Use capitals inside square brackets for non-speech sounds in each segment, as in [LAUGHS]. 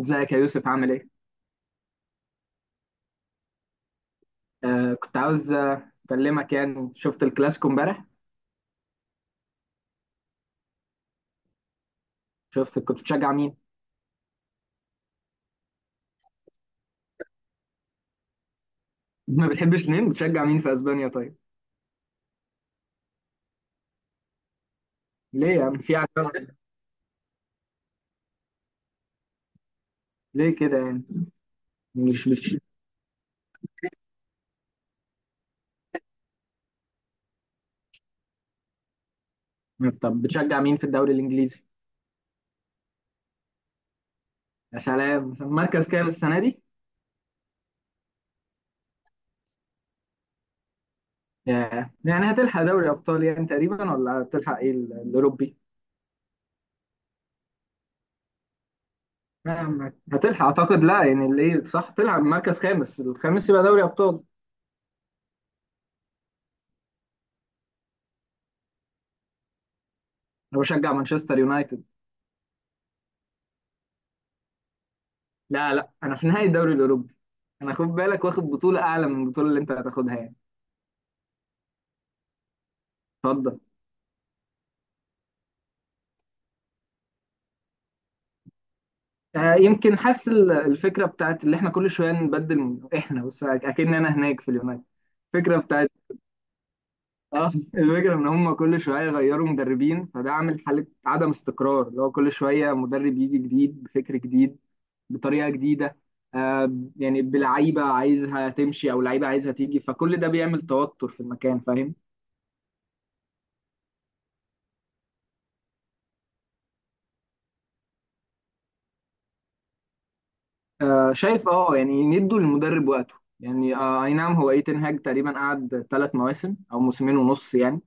ازيك يا يوسف، عامل ايه؟ كنت عاوز، اكلمك. يعني شفت الكلاسيكو امبارح؟ شفت، كنت بتشجع مين؟ [LAUGHS] ما بتحبش مين؟ بتشجع مين في اسبانيا طيب؟ ليه يا عم، في عداوة؟ ليه كده يعني؟ مش مش طب بتشجع مين في الدوري الانجليزي؟ يا سلام، مركز كام السنة دي؟ ياه. يعني هتلحق دوري ابطال يعني تقريبا، ولا هتلحق ايه الاوروبي؟ هتلحق اعتقد، لا يعني اللي إيه، صح، تلعب مركز الخامس يبقى دوري ابطال. انا بشجع مانشستر يونايتد. لا لا، انا في نهائي الدوري الاوروبي. انا خد بالك، واخد بطوله اعلى من البطوله اللي انت هتاخدها يعني. اتفضل. يمكن حاسس الفكره بتاعت اللي احنا كل شويه نبدل، من احنا بس اكن انا هناك في اليونايتد. الفكره بتاعت اه. الفكره ان هم كل شويه يغيروا مدربين، فده عامل حاله عدم استقرار، اللي هو كل شويه مدرب يجي جديد بفكر جديد، بطريقه جديده. يعني بلعيبه عايزها تمشي او لعيبه عايزها تيجي، فكل ده بيعمل توتر في المكان، فاهم. شايف. اه يعني ندوا للمدرب وقته، يعني اي نعم، هو ايتن هاج تقريبا قعد 3 مواسم او موسمين ونص يعني.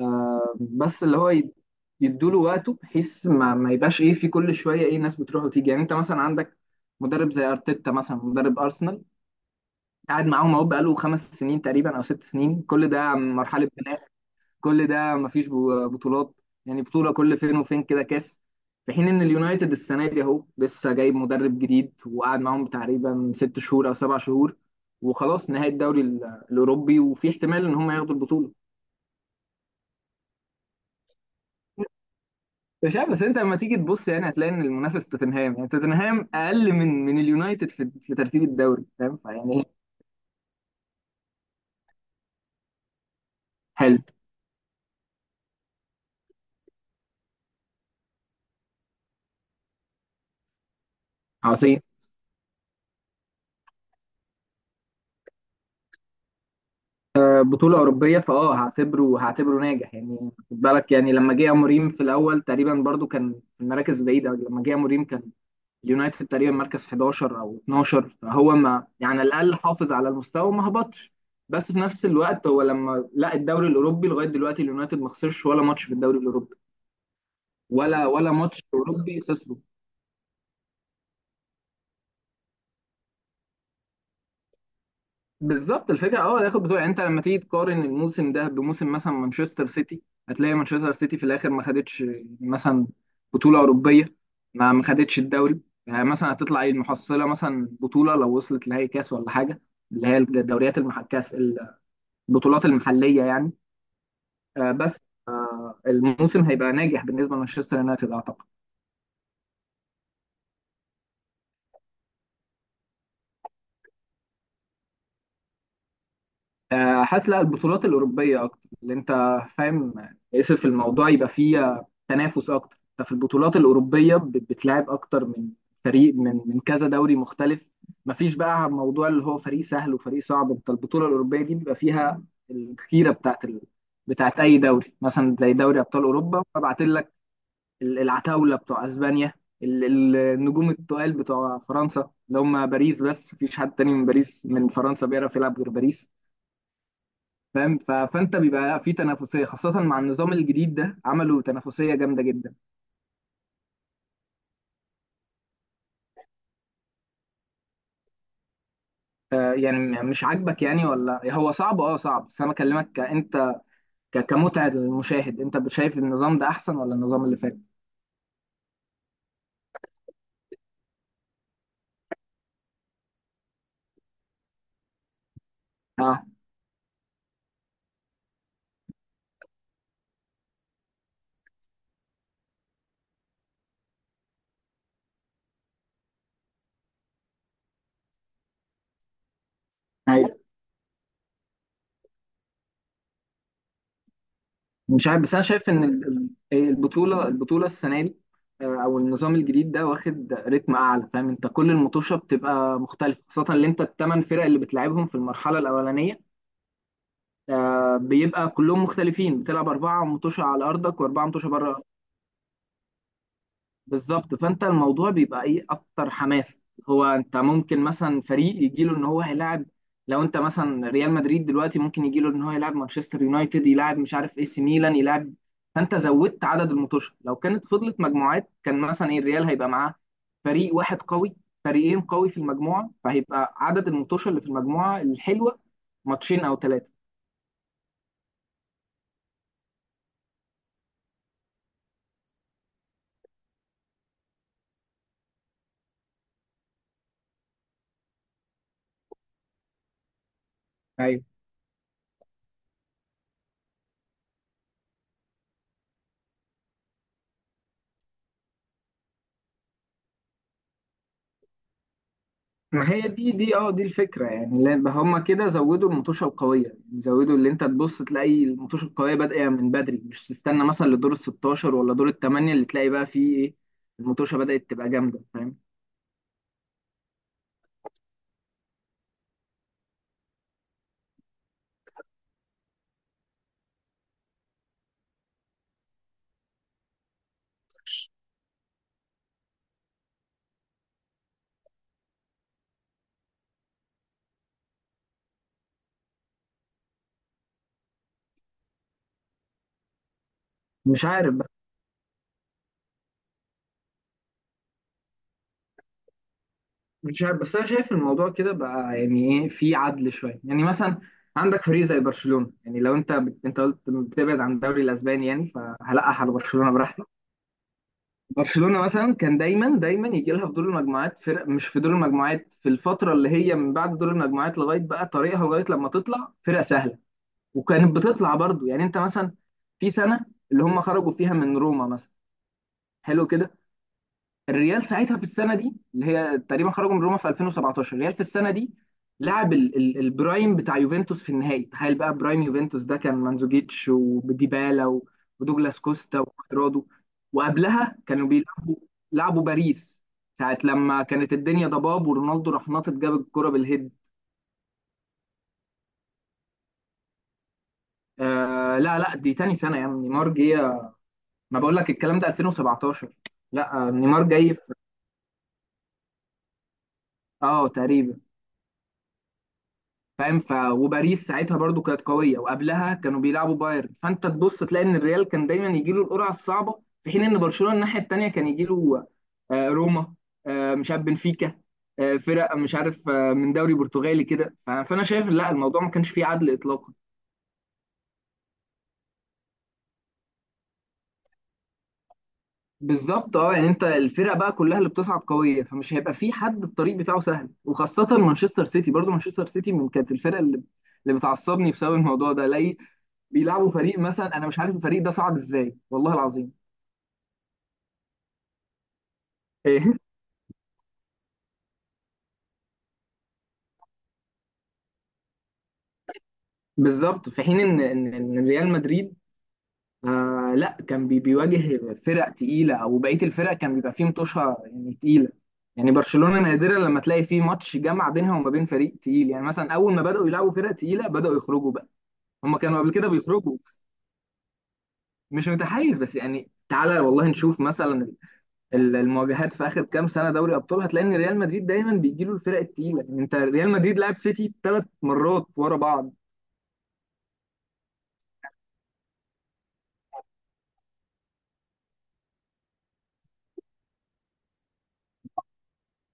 بس اللي هو يدوا له وقته، بحيث ما يبقاش ايه في كل شويه ايه ناس بتروح وتيجي. يعني انت مثلا عندك مدرب زي ارتيتا مثلا، مدرب ارسنال، قاعد معاهم اهو بقاله 5 سنين تقريبا او 6 سنين، كل ده مرحله بناء. كل ده مفيش بطولات. يعني بطولة كل فين وفين كده كاس. في حين ان اليونايتد السنة دي اهو لسه جايب مدرب جديد، وقعد معاهم تقريبا 6 شهور او 7 شهور، وخلاص نهاية الدوري الاوروبي، وفي احتمال ان هم ياخدوا البطولة. مش عارف، بس انت لما تيجي تبص، يعني هتلاقي ان المنافس توتنهام، يعني توتنهام اقل من اليونايتد في ترتيب الدوري، فاهم فيعني. حلو. عظيم. بطولة أوروبية، فأه هعتبره ناجح يعني. خد بالك، يعني لما جه أموريم في الأول تقريبا برضو كان في المراكز بعيدة، لما جه أموريم كان اليونايتد تقريبا مركز 11 أو 12، فهو ما يعني على الأقل حافظ على المستوى وما هبطش. بس في نفس الوقت، هو لما لا الدوري الأوروبي لغاية دلوقتي، اليونايتد ما خسرش ولا ماتش في الدوري الأوروبي، ولا ماتش أوروبي خسره. بالظبط الفكره، هياخد بطوله. يعني انت لما تيجي تقارن الموسم ده بموسم مثلا مانشستر سيتي، هتلاقي مانشستر سيتي في الاخر ما خدتش مثلا بطوله اوروبيه، ما خدتش الدوري. يعني مثلا هتطلع ايه المحصله؟ مثلا بطوله، لو وصلت لهي كاس ولا حاجه، اللي هي الدوريات المحكاس، البطولات المحليه يعني. بس الموسم هيبقى ناجح بالنسبه لمانشستر يونايتد، اعتقد. حاسس لا، البطولات الأوروبية أكتر، اللي أنت فاهم، اسف، الموضوع يبقى فيه تنافس أكتر. أنت في البطولات الأوروبية بتلعب أكتر من فريق، من كذا دوري مختلف. مفيش بقى موضوع اللي هو فريق سهل وفريق صعب. أنت البطولة الأوروبية دي بيبقى فيها الخيرة بتاعت أي دوري، مثلا زي دوري أبطال أوروبا، فبعت لك العتاولة بتوع أسبانيا، النجوم التقال بتوع فرنسا اللي هم باريس. بس مفيش حد تاني من باريس، من فرنسا بيعرف يلعب غير باريس، فاهم. فانت بيبقى لا، في تنافسيه خاصه. مع النظام الجديد ده عملوا تنافسيه جامده جدا. يعني مش عاجبك يعني ولا هو صعب؟ اه صعب، بس انا بكلمك انت كمتعه للمشاهد، انت شايف النظام ده احسن ولا النظام اللي فات؟ اه. عادي. مش عارف، بس انا شايف ان البطوله السنه دي، او النظام الجديد ده، واخد رتم اعلى، فاهم. انت كل المطوشه بتبقى مختلفه، خاصه اللي انت الثمان فرق اللي بتلعبهم في المرحله الاولانيه، بيبقى كلهم مختلفين. بتلعب أربعة متوشة على أرضك وأربعة متوشة بره أرضك. بالظبط، فأنت الموضوع بيبقى إيه، أكتر حماس. هو أنت ممكن مثلا فريق يجيله إن هو هيلاعب، لو أنت مثلا ريال مدريد دلوقتي ممكن يجيله إن هو يلاعب مانشستر يونايتد، يلاعب مش عارف إيه سي ميلان، يلاعب. فأنت زودت عدد المتوشة. لو كانت فضلت مجموعات، كان مثلا إيه الريال هيبقى معاه فريق واحد قوي، فريقين قوي في المجموعة، فهيبقى عدد المتوشة اللي في المجموعة الحلوة ماتشين أو ثلاثة. ما هي دي، دي الفكره يعني، لأن هما كده زودوا المطوشه القويه، يعني زودوا، اللي انت تبص تلاقي المطوشه القويه بادئه من بدري، مش تستنى مثلا لدور ال 16 ولا دور الثمانيه اللي تلاقي بقى فيه ايه، المطوشه بدات تبقى جامده، فاهم. مش عارف بقى. مش عارف، بس انا شايف الموضوع كده بقى، يعني ايه في عدل شويه. يعني مثلا عندك فريق زي برشلونه، يعني لو انت انت قلت بتبعد عن الدوري الاسباني، يعني فهلقح على برشلونه براحتك. برشلونة مثلا كان دايما دايما يجي لها في دور المجموعات فرق، مش في دور المجموعات، في الفترة اللي هي من بعد دور المجموعات لغاية بقى طريقها، لغاية لما تطلع فرقة سهلة. وكانت بتطلع برضو، يعني انت مثلا في سنة، اللي هم خرجوا فيها من روما مثلا، حلو كده. الريال ساعتها في السنه دي، اللي هي تقريبا خرجوا من روما في 2017، الريال في السنه دي لعب البرايم بتاع يوفنتوس في النهائي. تخيل بقى برايم يوفنتوس، ده كان مانزوكيتش وديبالا و، ودوجلاس كوستا وكوادرادو. وقبلها كانوا بيلعبوا، لعبوا باريس، ساعة لما كانت الدنيا ضباب ورونالدو راح ناطط جاب الكرة بالهيد. لا لا، دي تاني سنة يا عم، نيمار جه، ما بقول لك الكلام ده 2017. لا، نيمار جاي في، اه تقريبا، فاهم. وباريس ساعتها برضو كانت قويه، وقبلها كانوا بيلعبوا بايرن. فانت تبص تلاقي ان الريال كان دايما يجي له القرعه الصعبه، في حين ان برشلونه الناحيه التانيه كان يجي له روما، مش عارف، بنفيكا، فرق مش عارف من دوري برتغالي كده. فانا شايف لا، الموضوع ما كانش فيه عدل اطلاقا. بالظبط، يعني انت الفرق بقى كلها اللي بتصعد قويه، فمش هيبقى في حد الطريق بتاعه سهل، وخاصه مانشستر سيتي. برضو مانشستر سيتي من كانت الفرق اللي اللي بتعصبني بسبب الموضوع ده، الاقي بيلعبوا فريق مثلا انا مش عارف الفريق ده صعد ازاي، والله العظيم. ايه. بالظبط، في حين ان ان إن ريال مدريد، لا كان بيواجه فرق تقيله، او بقيه الفرق كان بيبقى فيه متوشه يعني تقيله. يعني برشلونه نادرا لما تلاقي فيه ماتش جمع بينها وما بين فريق تقيل. يعني مثلا اول ما بداوا يلعبوا فرق تقيله بداوا يخرجوا بقى، هم كانوا قبل كده بيخرجوا. مش متحيز، بس يعني تعالى والله نشوف مثلا المواجهات في اخر كام سنه دوري ابطال، هتلاقي ان ريال مدريد دايما بيجي له الفرق التقيله. يعني انت ريال مدريد لعب سيتي 3 مرات ورا بعض.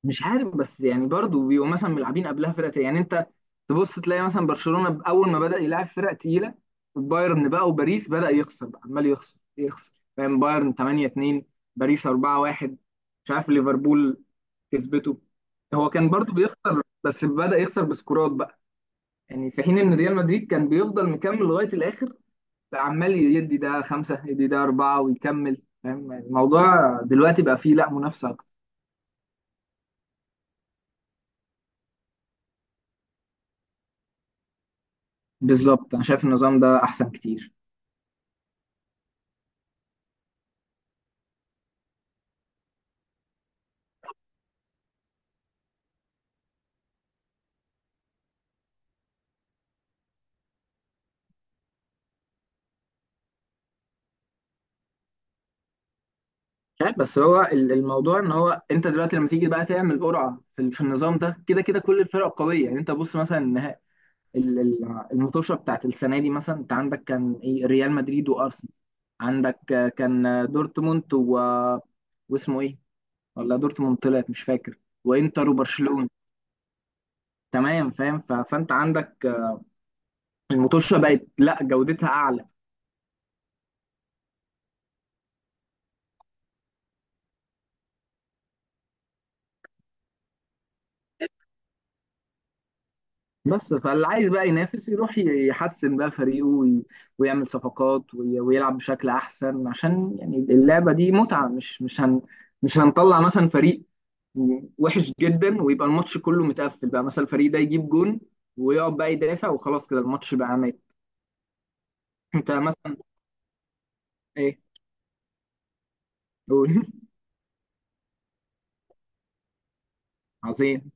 مش عارف، بس يعني برضه بيبقوا مثلا ملعبين قبلها فرق تقيله. يعني انت تبص تلاقي مثلا برشلونه اول ما بدا يلعب فرق تقيله، بايرن بقى وباريس، بدا يخسر بقى، عمال يخسر يخسر، فاهم. بايرن 8 2، باريس 4 1، مش عارف ليفربول كسبته. هو كان برضه بيخسر، بس بدا يخسر بسكورات بقى. يعني في حين ان ريال مدريد كان بيفضل مكمل لغايه الاخر، عمال يدي ده خمسة يدي ده أربعة ويكمل، فاهم. الموضوع دلوقتي بقى فيه لا منافسة أكتر. بالظبط، أنا شايف النظام ده أحسن كتير. مش عارف، بس هو الموضوع إن هو أنت دلوقتي لما تيجي بقى تعمل قرعة في في النظام ده، كده كده كل الفرق قوية. يعني أنت بص مثلا المطوشة بتاعت السنة دي، مثلا أنت عندك كان إيه ريال مدريد وأرسنال، عندك كان دورتموند واسمه إيه، ولا دورتموند طلعت مش فاكر، وإنتر وبرشلونة. تمام، فاهم. فأنت عندك المطوشه بقت لا جودتها اعلى. بس فاللي عايز بقى ينافس يروح يحسن بقى فريقه ويعمل صفقات ويلعب بشكل احسن، عشان يعني اللعبه دي متعه. مش هنطلع مثلا فريق وحش جدا ويبقى الماتش كله متقفل بقى، مثلا الفريق ده يجيب جون ويقعد بقى يدافع وخلاص، كده الماتش بقى مات. انت مثلا. ايه. قول. [LAUGHS] عظيم.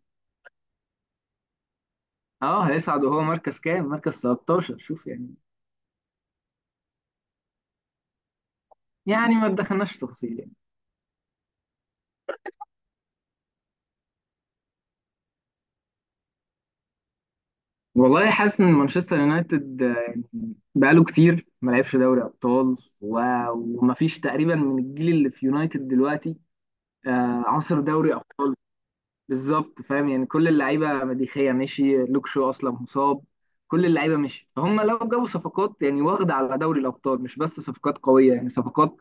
اه هيصعد، وهو مركز كام؟ مركز 13 شوف يعني. يعني ما دخلناش في تفاصيل يعني. والله حاسس ان مانشستر يونايتد بقاله كتير ما لعبش دوري ابطال، و- ومفيش تقريبا من الجيل اللي في يونايتد دلوقتي عصر دوري ابطال. بالظبط، فاهم. يعني كل اللعيبه مديخيه، مشي، لوك شو اصلا مصاب، كل اللعيبه مشي. فهم لو جابوا صفقات، يعني واخده على دوري الابطال، مش بس صفقات قويه، يعني صفقات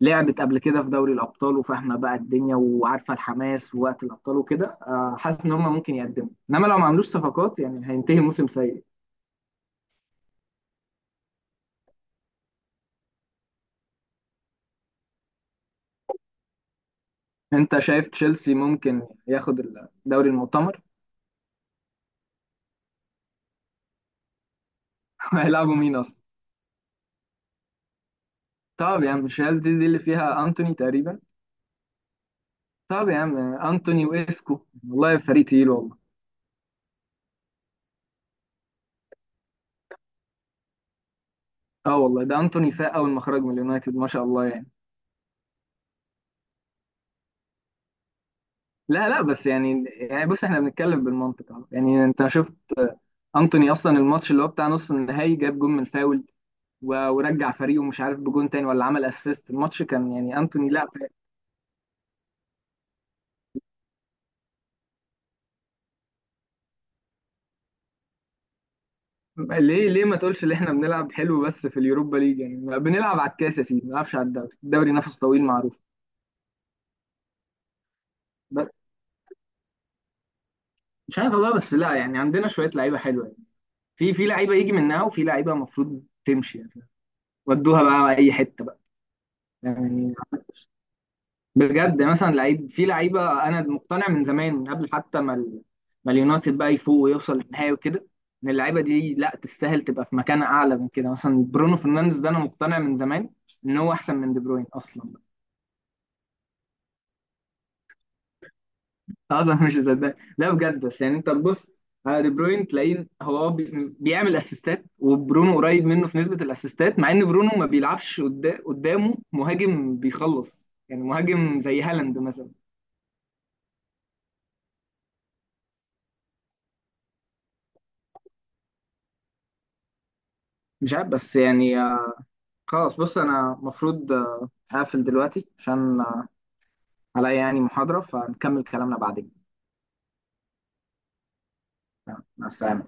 لعبت قبل كده في دوري الابطال وفاهمه بقى الدنيا وعارفه الحماس ووقت الابطال وكده، حاسس ان هم ممكن يقدموا، انما لو ما عملوش صفقات، يعني هينتهي موسم سيء. انت شايف تشيلسي ممكن ياخد الدوري المؤتمر؟ [LAUGHS] هيلعبوا مين اصلا؟ طب يا عم مش هل دي اللي فيها انتوني تقريبا؟ طب يا عم، انتوني واسكو، والله فريق تقيل والله. اه والله، ده انتوني فاق اول ما خرج من اليونايتد ما شاء الله يعني. لا لا، بس يعني بص، احنا بنتكلم بالمنطق اهو، يعني انت شفت انتوني اصلا الماتش اللي هو بتاع نص النهائي، جاب جون من فاول ورجع فريقه مش عارف بجون تاني ولا عمل اسيست، الماتش كان يعني انتوني لا. ليه ليه ما تقولش ان احنا بنلعب حلو بس في اليوروبا ليج، يعني ما بنلعب على الكاس يا سيدي، ما بنلعبش على الدوري، الدوري نفس طويل معروف. ب- مش عارف والله، بس لا يعني عندنا شويه لعيبه حلوه يعني. في في لعيبه يجي منها، وفي لعيبه المفروض تمشي يعني، ودوها بقى اي حته بقى يعني. بجد مثلا لعيب، في لعيبه انا مقتنع من زمان، من قبل حتى ما اليونايتد بقى يفوق ويوصل للنهائي وكده، ان اللعيبه دي لا تستاهل تبقى في مكان اعلى من كده. مثلا برونو فرنانديز ده، انا مقتنع من زمان ان هو احسن من دي بروين اصلا، اصلا مش مصدق لا بجد. بس يعني انت تبص على دي بروين تلاقيه هو بيعمل اسيستات، وبرونو قريب منه في نسبه الاسيستات، مع ان برونو ما بيلعبش قدامه مهاجم بيخلص، يعني مهاجم زي هالاند مثلا. مش عارف، بس يعني خلاص بص، انا المفروض هقفل دلوقتي عشان عليا يعني محاضره، فنكمل كلامنا بعدين. تمام، مع السلامه.